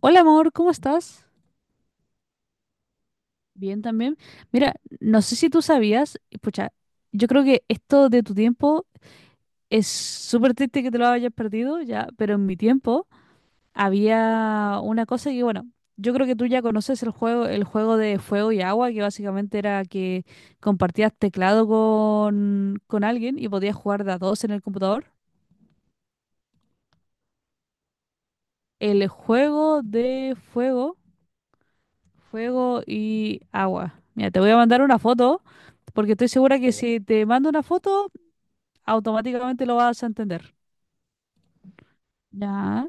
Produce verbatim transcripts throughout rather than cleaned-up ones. Hola amor, ¿cómo estás? Bien también. Mira, no sé si tú sabías, y pucha, yo creo que esto de tu tiempo es súper triste que te lo hayas perdido ya, pero en mi tiempo había una cosa que, bueno, yo creo que tú ya conoces el juego, el juego de fuego y agua, que básicamente era que compartías teclado con, con alguien y podías jugar de a dos en el computador. El juego de fuego Fuego y agua. Mira, te voy a mandar una foto porque estoy segura que si te mando una foto, automáticamente lo vas a entender. Ya.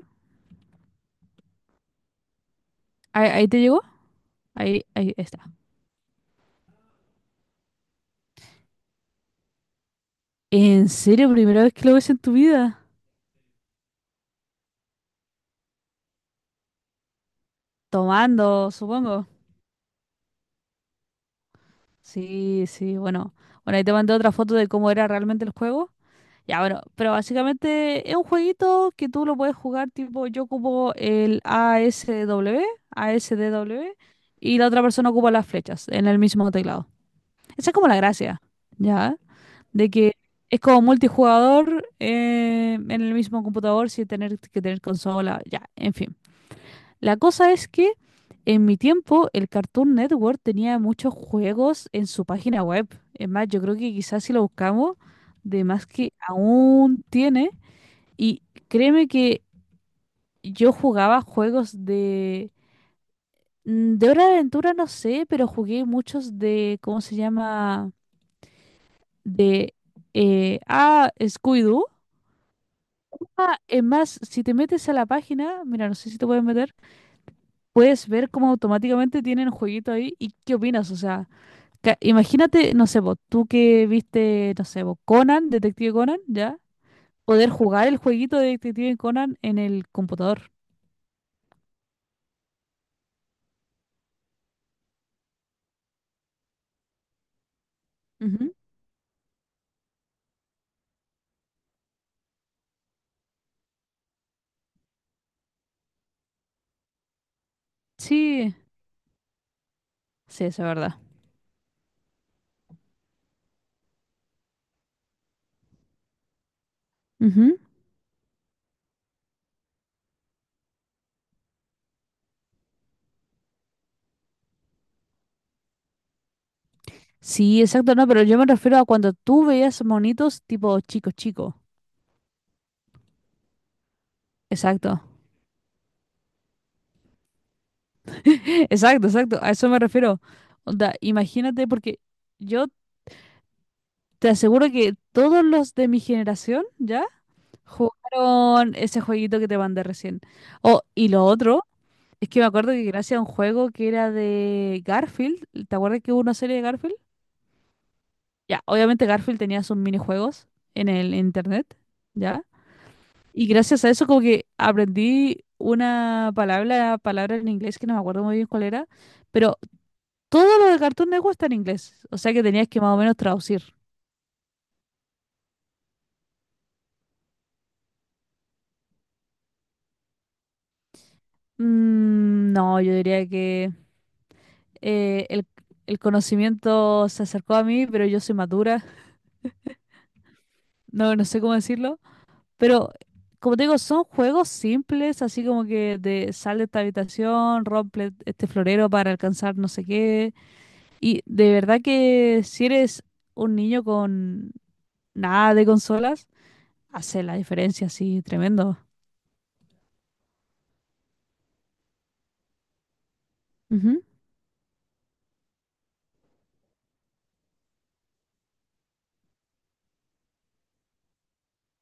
¿Ahí, ahí te llegó? Ahí, ahí está. ¿En serio? ¿Primera vez que lo ves en tu vida? Tomando, supongo. Sí, sí, bueno. Bueno, ahí te mandé otra foto de cómo era realmente el juego. Ya, bueno, pero básicamente es un jueguito que tú lo puedes jugar tipo, yo ocupo el A A S S W, A S D W y la otra persona ocupa las flechas en el mismo teclado. Esa es como la gracia, ¿ya? De que es como multijugador eh, en el mismo computador sin tener que tener consola, ya, en fin. La cosa es que en mi tiempo el Cartoon Network tenía muchos juegos en su página web. Es más, yo creo que quizás si lo buscamos, de más que aún tiene. Y créeme que yo jugaba juegos de... mm, De Hora de Aventura, no sé, pero jugué muchos de, ¿cómo se llama? De eh, ah, Scooby-Doo. Ah, es más, si te metes a la página, mira, no sé si te puedes meter, puedes ver cómo automáticamente tienen un jueguito ahí y qué opinas. O sea, ca- imagínate, no sé, vos, tú que viste, no sé, vos, Conan, Detective Conan, ¿ya? Poder jugar el jueguito de Detective Conan en el computador. Ujú. Sí, sí, eso es verdad. Ujú. Sí, exacto, no, pero yo me refiero a cuando tú veías monitos tipo chico chico. Exacto. Exacto, exacto. A eso me refiero. Onda, imagínate, porque yo te aseguro que todos los de mi generación ya jugaron ese jueguito que te mandé recién. Oh, y lo otro, es que me acuerdo que gracias a un juego que era de Garfield, ¿te acuerdas que hubo una serie de Garfield? Ya, obviamente Garfield tenía sus minijuegos en el internet, ¿ya? Y gracias a eso como que aprendí una palabra, palabra en inglés que no me acuerdo muy bien cuál era, pero todo lo de Cartoon Network está en inglés, o sea que tenías que más o menos traducir. Mm, no, yo diría que eh, el, el conocimiento se acercó a mí, pero yo soy madura, no, no sé cómo decirlo. Pero, como te digo, son juegos simples, así como que de sal de esta habitación, rompe este florero para alcanzar no sé qué. Y de verdad que si eres un niño con nada de consolas, hace la diferencia así tremendo. Ujú,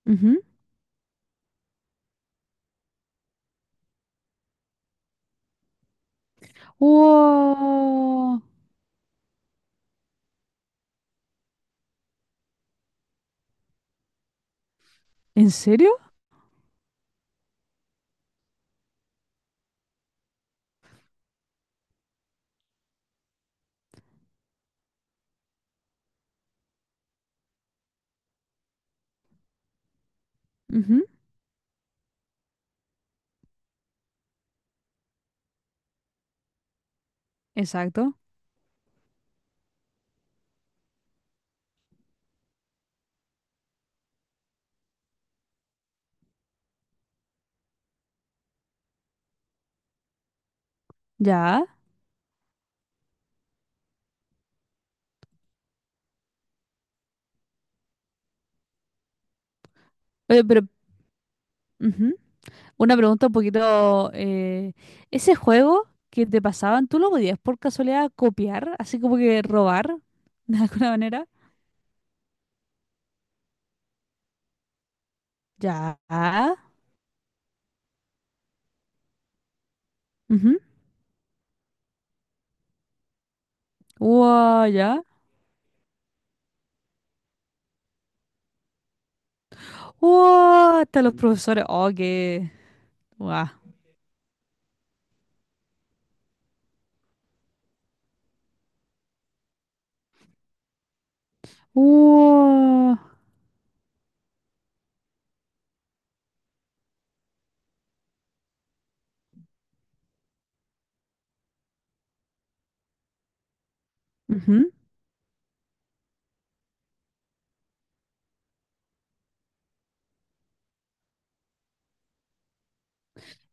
ujú. Wow. ¿En serio? Ujú, exacto. Ya. Oye, pero ujú, una pregunta un poquito. Eh, ese juego que te pasaban, ¿tú lo podías por casualidad copiar? Así como que robar, de alguna manera. Ya. Ujú. Wow, ya. Wow, hasta los profesores. Oh, qué. Wow. Wow. Ujú.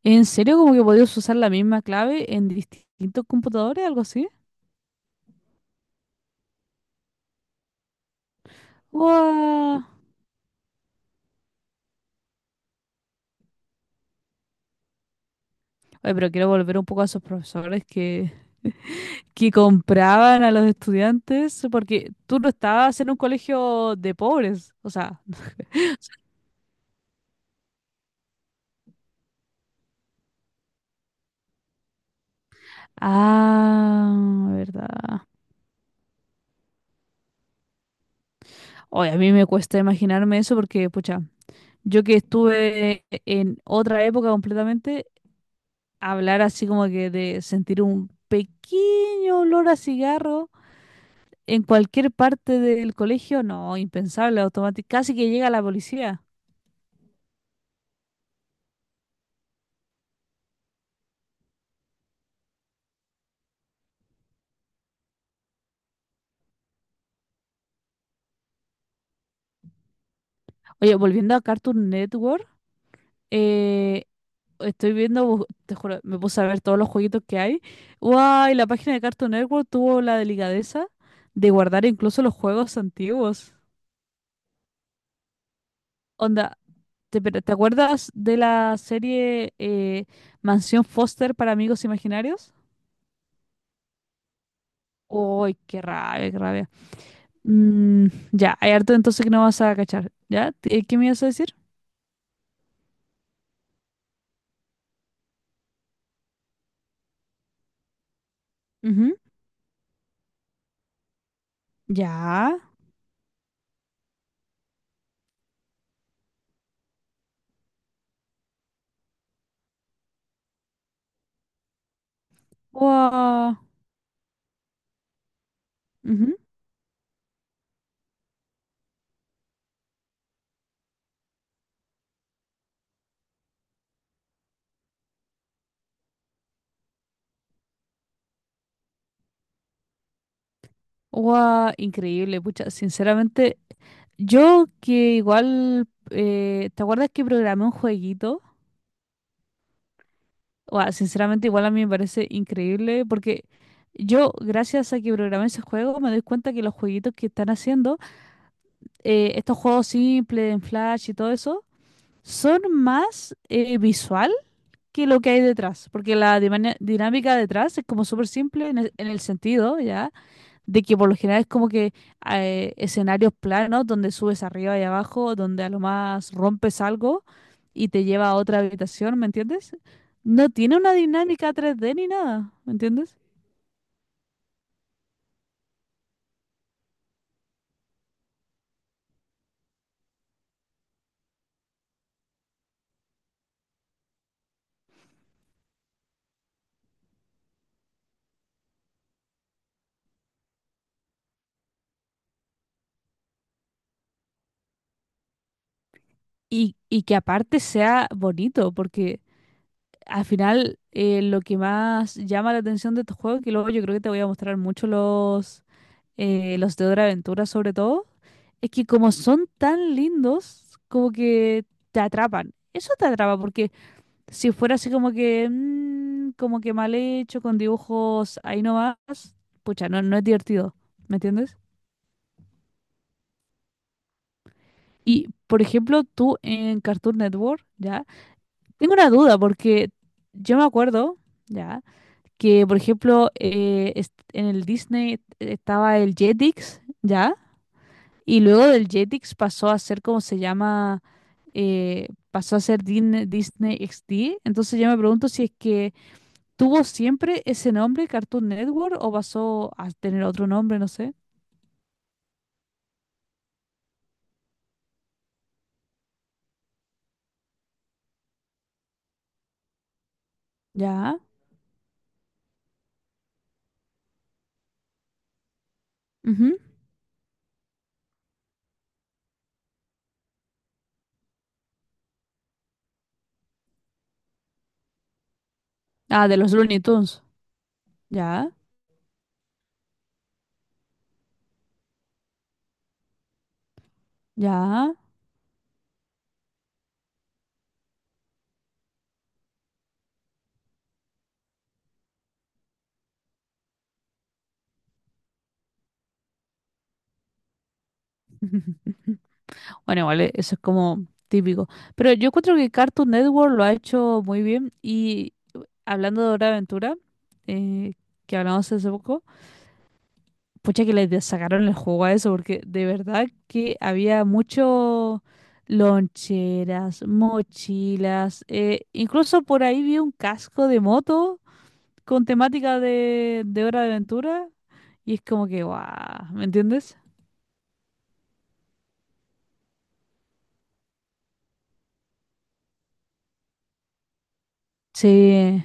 ¿En serio como que podías usar la misma clave en distintos computadores, algo así? Wow. Oye, pero quiero volver un poco a esos profesores que, que compraban a los estudiantes, porque tú no estabas en un colegio de pobres, o sea. Ah, verdad. Oye, a mí me cuesta imaginarme eso porque, pucha, yo que estuve en otra época completamente, hablar así como que de sentir un pequeño olor a cigarro en cualquier parte del colegio, no, impensable, automático, casi que llega la policía. Oye, volviendo a Cartoon Network, eh, estoy viendo, bu- te juro, me puse a ver todos los jueguitos que hay. ¡Guay! La página de Cartoon Network tuvo la delicadeza de guardar incluso los juegos antiguos. Onda, ¿te, pero ¿te acuerdas de la serie eh, Mansión Foster para amigos imaginarios? ¡Uy, qué rabia, qué rabia! Mm, ya, hay harto entonces que no vas a cachar. ¿Ya? ¿Qué qué me ibas a decir? Ya. Wow. Ujú. Guau, increíble, pucha. Sinceramente, yo que igual, eh, ¿te acuerdas que programé un jueguito? Guau, sinceramente, igual a mí me parece increíble porque yo, gracias a que programé ese juego, me doy cuenta que los jueguitos que están haciendo, eh, estos juegos simples en Flash y todo eso, son más eh, visual que lo que hay detrás, porque la dimania- dinámica detrás es como súper simple en el en el sentido, ¿ya? De que por lo general es como que eh, escenarios planos donde subes arriba y abajo, donde a lo más rompes algo y te lleva a otra habitación, ¿me entiendes? No tiene una dinámica tres D ni nada, ¿me entiendes? Y, y que aparte sea bonito, porque al final eh, lo que más llama la atención de estos juegos, que luego yo creo que te voy a mostrar mucho los, eh, los de Dora Aventura sobre todo, es que como son tan lindos, como que te atrapan. Eso te atrapa porque si fuera así como que, mm, como que mal hecho, con dibujos ahí nomás, pucha, no, no es divertido, ¿me entiendes? Y, por ejemplo, tú en Cartoon Network, ¿ya? Tengo una duda, porque yo me acuerdo, ¿ya? Que, por ejemplo, eh, est- en el Disney estaba el Jetix, ¿ya? Y luego del Jetix pasó a ser como se llama, eh, pasó a ser Din- Disney X D. Entonces yo me pregunto si es que, ¿tuvo siempre ese nombre, Cartoon Network, o pasó a tener otro nombre, no sé? Ya. Ujú. Ah, de los Looney Tunes. Ya, ya. Bueno, vale, eso es como típico. Pero yo encuentro que Cartoon Network lo ha hecho muy bien. Y hablando de Hora de Aventura, eh, que hablamos hace poco. Pucha que les sacaron el juego a eso, porque de verdad que había mucho loncheras, mochilas, eh, incluso por ahí vi un casco de moto con temática de, de, Hora de Aventura, y es como que, guau, ¿me entiendes? Sí.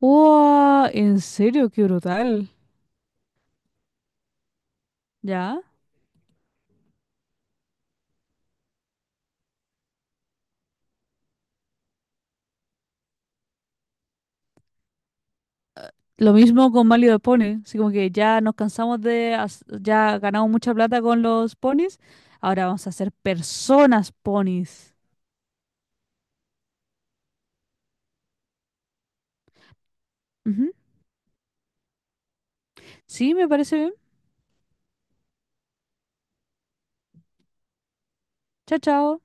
¡Wow! En serio, qué brutal. ¿Ya? Lo mismo con Mario de Pony, así como que ya nos cansamos de, hac- ya ganamos mucha plata con los ponis, ahora vamos a hacer personas ponis. Sí, me parece bien. Chao, chao.